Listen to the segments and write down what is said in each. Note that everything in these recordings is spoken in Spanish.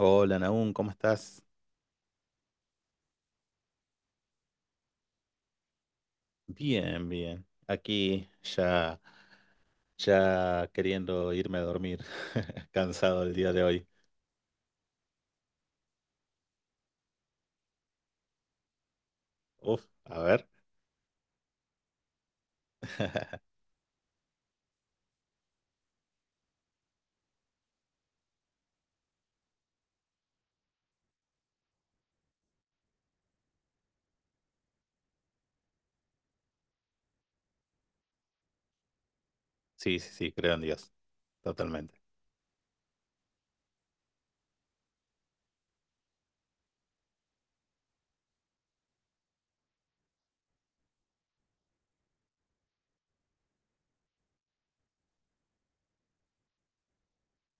Hola, Nahum, ¿cómo estás? Bien, bien. Aquí ya, ya queriendo irme a dormir, cansado el día de hoy. Uf, a ver. Sí, sí, sí, creo en Dios, totalmente.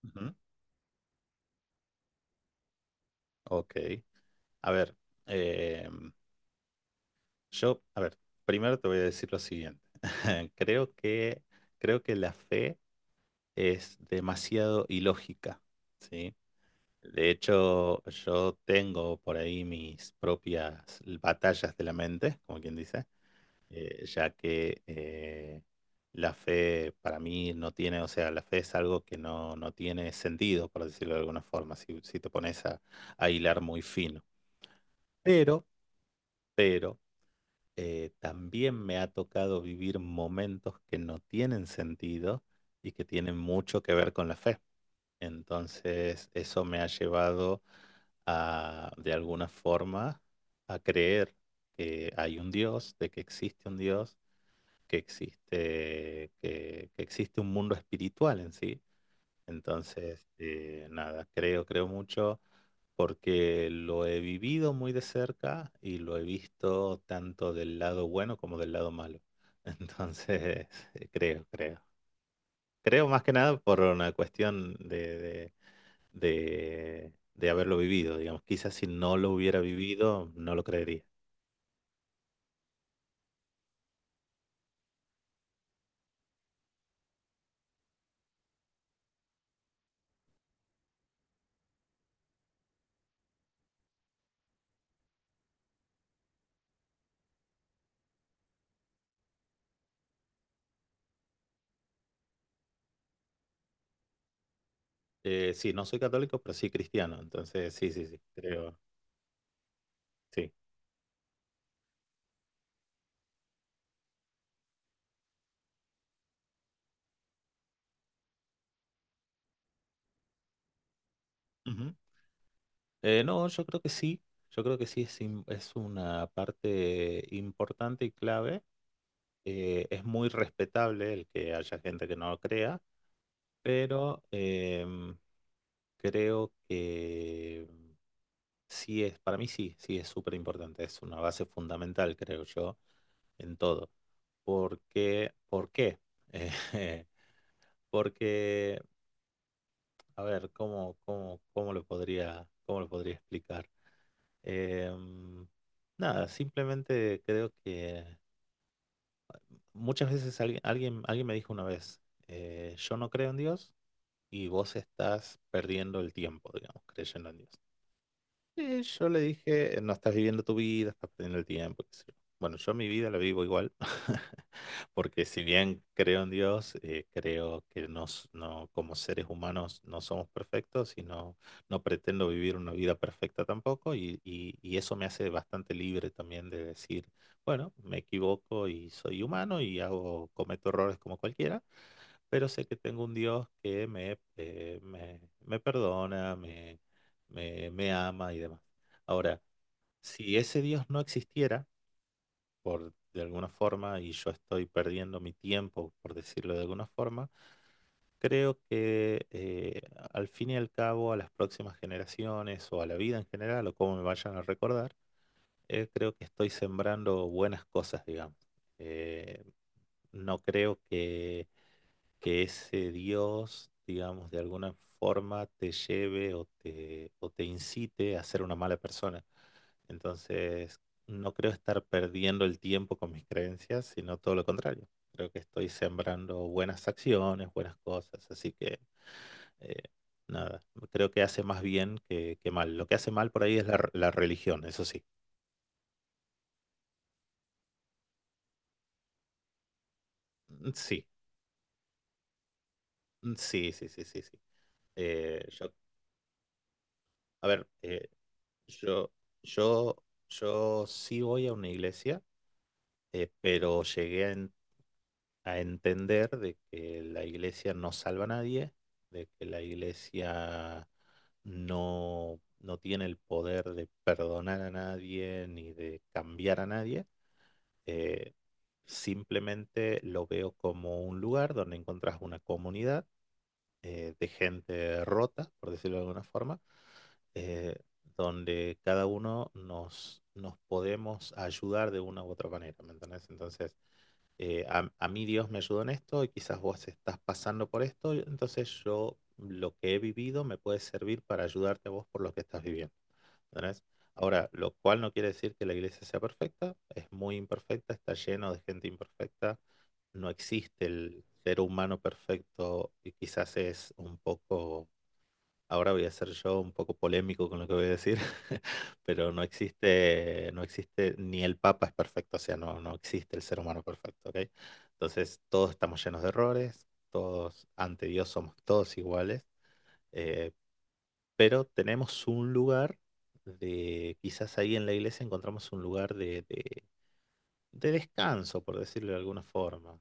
Ujú. Ok, a ver, em, yo, a ver, primero te voy a decir lo siguiente. Creo que, creo que la fe es demasiado ilógica, ¿sí? De hecho, yo tengo por ahí mis propias batallas de la mente, como quien dice, ya que la fe para mí no tiene, o sea, la fe es algo que no, no tiene sentido, por decirlo de alguna forma, si, si te pones a hilar muy fino. Pero, pero, también me ha tocado vivir momentos que no tienen sentido y que tienen mucho que ver con la fe. Entonces, eso me ha llevado a, de alguna forma, a creer que hay un Dios, de que existe un Dios, que existe un mundo espiritual en sí. Entonces, nada, creo, creo mucho porque lo he vivido muy de cerca y lo he visto tanto del lado bueno como del lado malo. Entonces, creo, creo. Creo más que nada por una cuestión de, de haberlo vivido, digamos. Quizás si no lo hubiera vivido, no lo creería. Sí, no soy católico, pero sí cristiano. Entonces, sí, sí, sí, creo, sí. Ujú. No, yo creo que sí. Yo creo que sí es, es una parte importante y clave. Es muy respetable el que haya gente que no lo crea. Pero creo que sí es, para mí sí, sí es súper importante, es una base fundamental, creo yo, en todo. ¿Por qué? ¿Por qué? Porque, a ver, ¿cómo, cómo, cómo lo podría explicar? Em, nada, simplemente creo que muchas veces alguien me dijo una vez, yo no creo en Dios, y vos estás perdiendo el tiempo, digamos, creyendo en Dios. Y yo le dije, no estás viviendo tu vida, estás perdiendo el tiempo. Qué sé yo. Bueno, yo mi vida la vivo igual, porque si bien creo en Dios, creo que nos, no, como seres humanos no somos perfectos y no, no pretendo vivir una vida perfecta tampoco, y eso me hace bastante libre también de decir, bueno, me equivoco y soy humano y hago, cometo errores como cualquiera, pero sé que tengo un Dios que me, me perdona, me ama y demás. Ahora, si ese Dios no existiera, por de alguna forma, y yo estoy perdiendo mi tiempo, por decirlo de alguna forma, creo que al fin y al cabo, a las próximas generaciones o a la vida en general, o como me vayan a recordar, creo que estoy sembrando buenas cosas, digamos. Eh, no creo que ese Dios, digamos, de alguna forma te lleve o te incite a ser una mala persona. Entonces, no creo estar perdiendo el tiempo con mis creencias, sino todo lo contrario. Creo que estoy sembrando buenas acciones, buenas cosas, así que eh, nada, creo que hace más bien que mal. Lo que hace mal por ahí es la, la religión, eso sí. Mm, sí, mm, sí, sí, sí, sí, sí. Yo, a ver, yo, yo, yo sí voy a una iglesia, pero llegué a, a entender de que la iglesia no salva a nadie, de que la iglesia no, no tiene el poder de perdonar a nadie ni de cambiar a nadie. Eh, simplemente lo veo como un lugar donde encontrás una comunidad de gente rota, por decirlo de alguna forma, eh, donde cada uno nos, nos podemos ayudar de una u otra manera, ¿me entendés? Entonces, a mí Dios me ayudó en esto y quizás vos estás pasando por esto, entonces yo lo que he vivido me puede servir para ayudarte a vos por lo que estás viviendo. ¿Entendés? Ahora, lo cual no quiere decir que la iglesia sea perfecta, es muy imperfecta, está lleno de gente imperfecta, no existe el ser humano perfecto y quizás es un poco. Ahora voy a ser yo un poco polémico con lo que voy a decir, pero no existe, no existe, ni el Papa es perfecto, o sea, no, no existe el ser humano perfecto, ¿ok? Entonces, todos estamos llenos de errores, todos ante Dios somos todos iguales, eh, pero tenemos un lugar de, quizás ahí en la iglesia encontramos un lugar de, de descanso, por decirlo de alguna forma.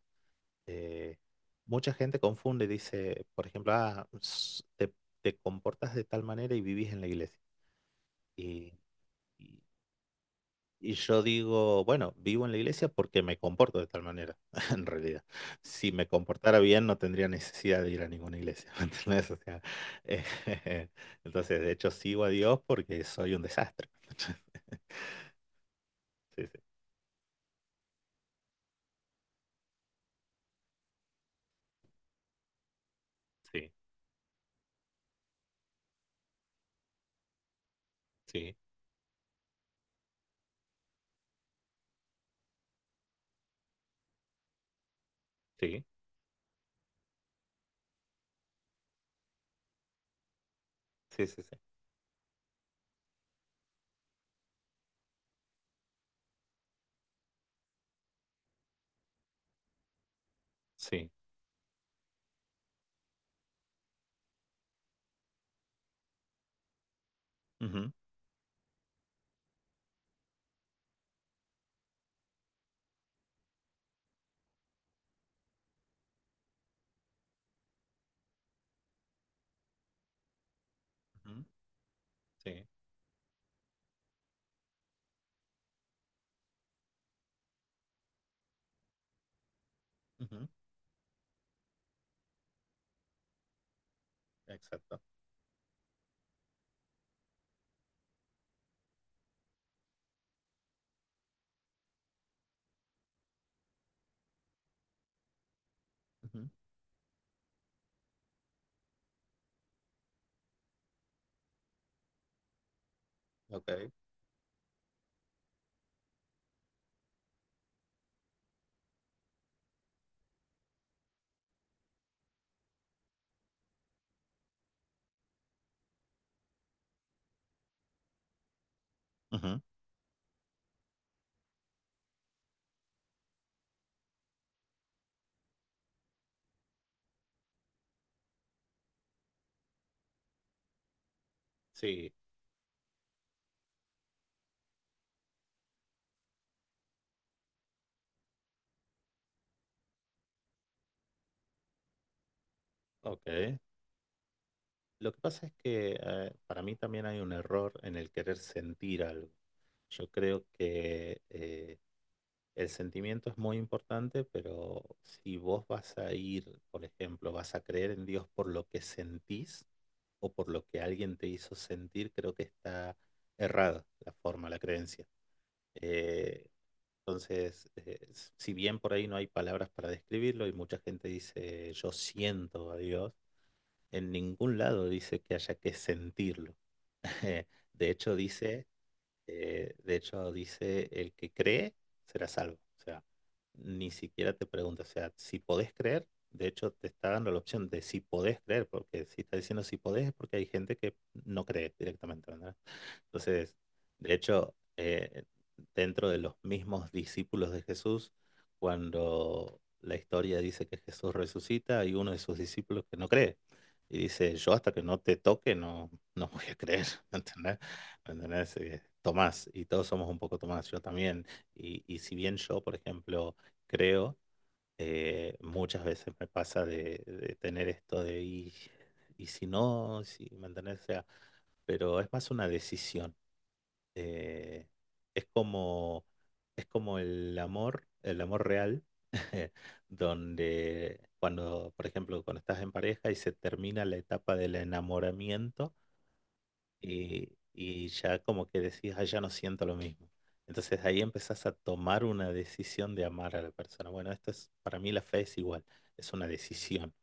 Eh, mucha gente confunde, y dice, por ejemplo, ah, s- te comportas de tal manera y vivís en la iglesia. Y, y- y yo digo, bueno, vivo en la iglesia porque me comporto de tal manera, en realidad. Si me comportara bien, no tendría necesidad de ir a ninguna iglesia, ¿me entendés? O sea, eh, entonces, de hecho, sigo a Dios porque soy un desastre. Sí, sí, sí, sí, sí, sí, sí, sí. Sí. Ujú, ujú, sí, ujú, exacto. Ujú, ok, ujú, sí, ok. Lo que pasa es que para mí también hay un error en el querer sentir algo. Yo creo que el sentimiento es muy importante, pero si vos vas a ir, por ejemplo, vas a creer en Dios por lo que sentís o por lo que alguien te hizo sentir, creo que está errada la forma, la creencia. Eh, entonces, si bien por ahí no hay palabras para describirlo y mucha gente dice yo siento a Dios, en ningún lado dice que haya que sentirlo. De hecho, dice de hecho, dice, el que cree será salvo. O sea, ni siquiera te pregunta, o sea, si podés creer, de hecho te está dando la opción de si podés creer, porque si está diciendo si podés es porque hay gente que no cree directamente, ¿verdad? Entonces, de hecho, dentro de los mismos discípulos de Jesús, cuando la historia dice que Jesús resucita, hay uno de sus discípulos que no cree. Y dice, yo hasta que no te toque no, no voy a creer, ¿me entendés? ¿Entendés? Tomás, y todos somos un poco Tomás, yo también. Y si bien yo, por ejemplo, creo, muchas veces me pasa de tener esto de, y si no, si, ¿me entendés? O sea, pero es más una decisión eh, es como, es como el amor real, donde cuando, por ejemplo, cuando estás en pareja y se termina la etapa del enamoramiento y ya como que decís, ah, ya no siento lo mismo. Entonces ahí empezás a tomar una decisión de amar a la persona. Bueno, esto es, para mí la fe es igual, es una decisión.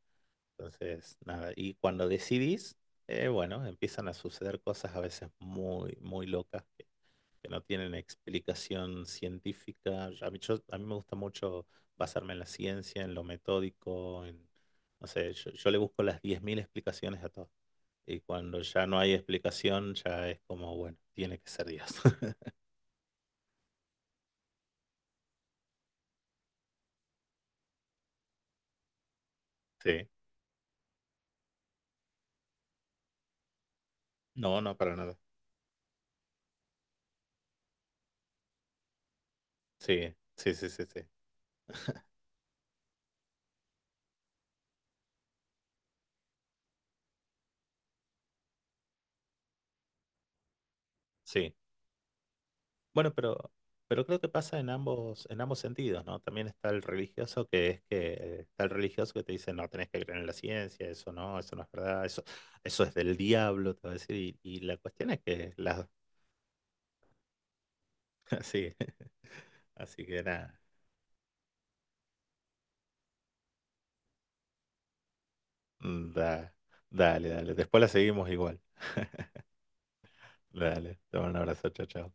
Entonces, nada, y cuando decidís, bueno, empiezan a suceder cosas a veces muy, muy locas que no tienen explicación científica. A mí, a mí me gusta mucho basarme en la ciencia, en lo metódico, en, no sé, yo le busco las 10.000 explicaciones a todo. Y cuando ya no hay explicación, ya es como, bueno, tiene que ser Dios. Sí. No, no, para nada. Sí, sí, sí, sí, sí. Sí, bueno, pero creo que pasa en ambos sentidos, ¿no? También está el religioso que está el religioso que te dice, no, tenés que creer en la ciencia, eso no es verdad, eso es del diablo, te va a decir. Y la cuestión es que las así, así que nada. Mm, da, dale, dale. Después la seguimos igual. Dale, te mando un abrazo, chao, chao.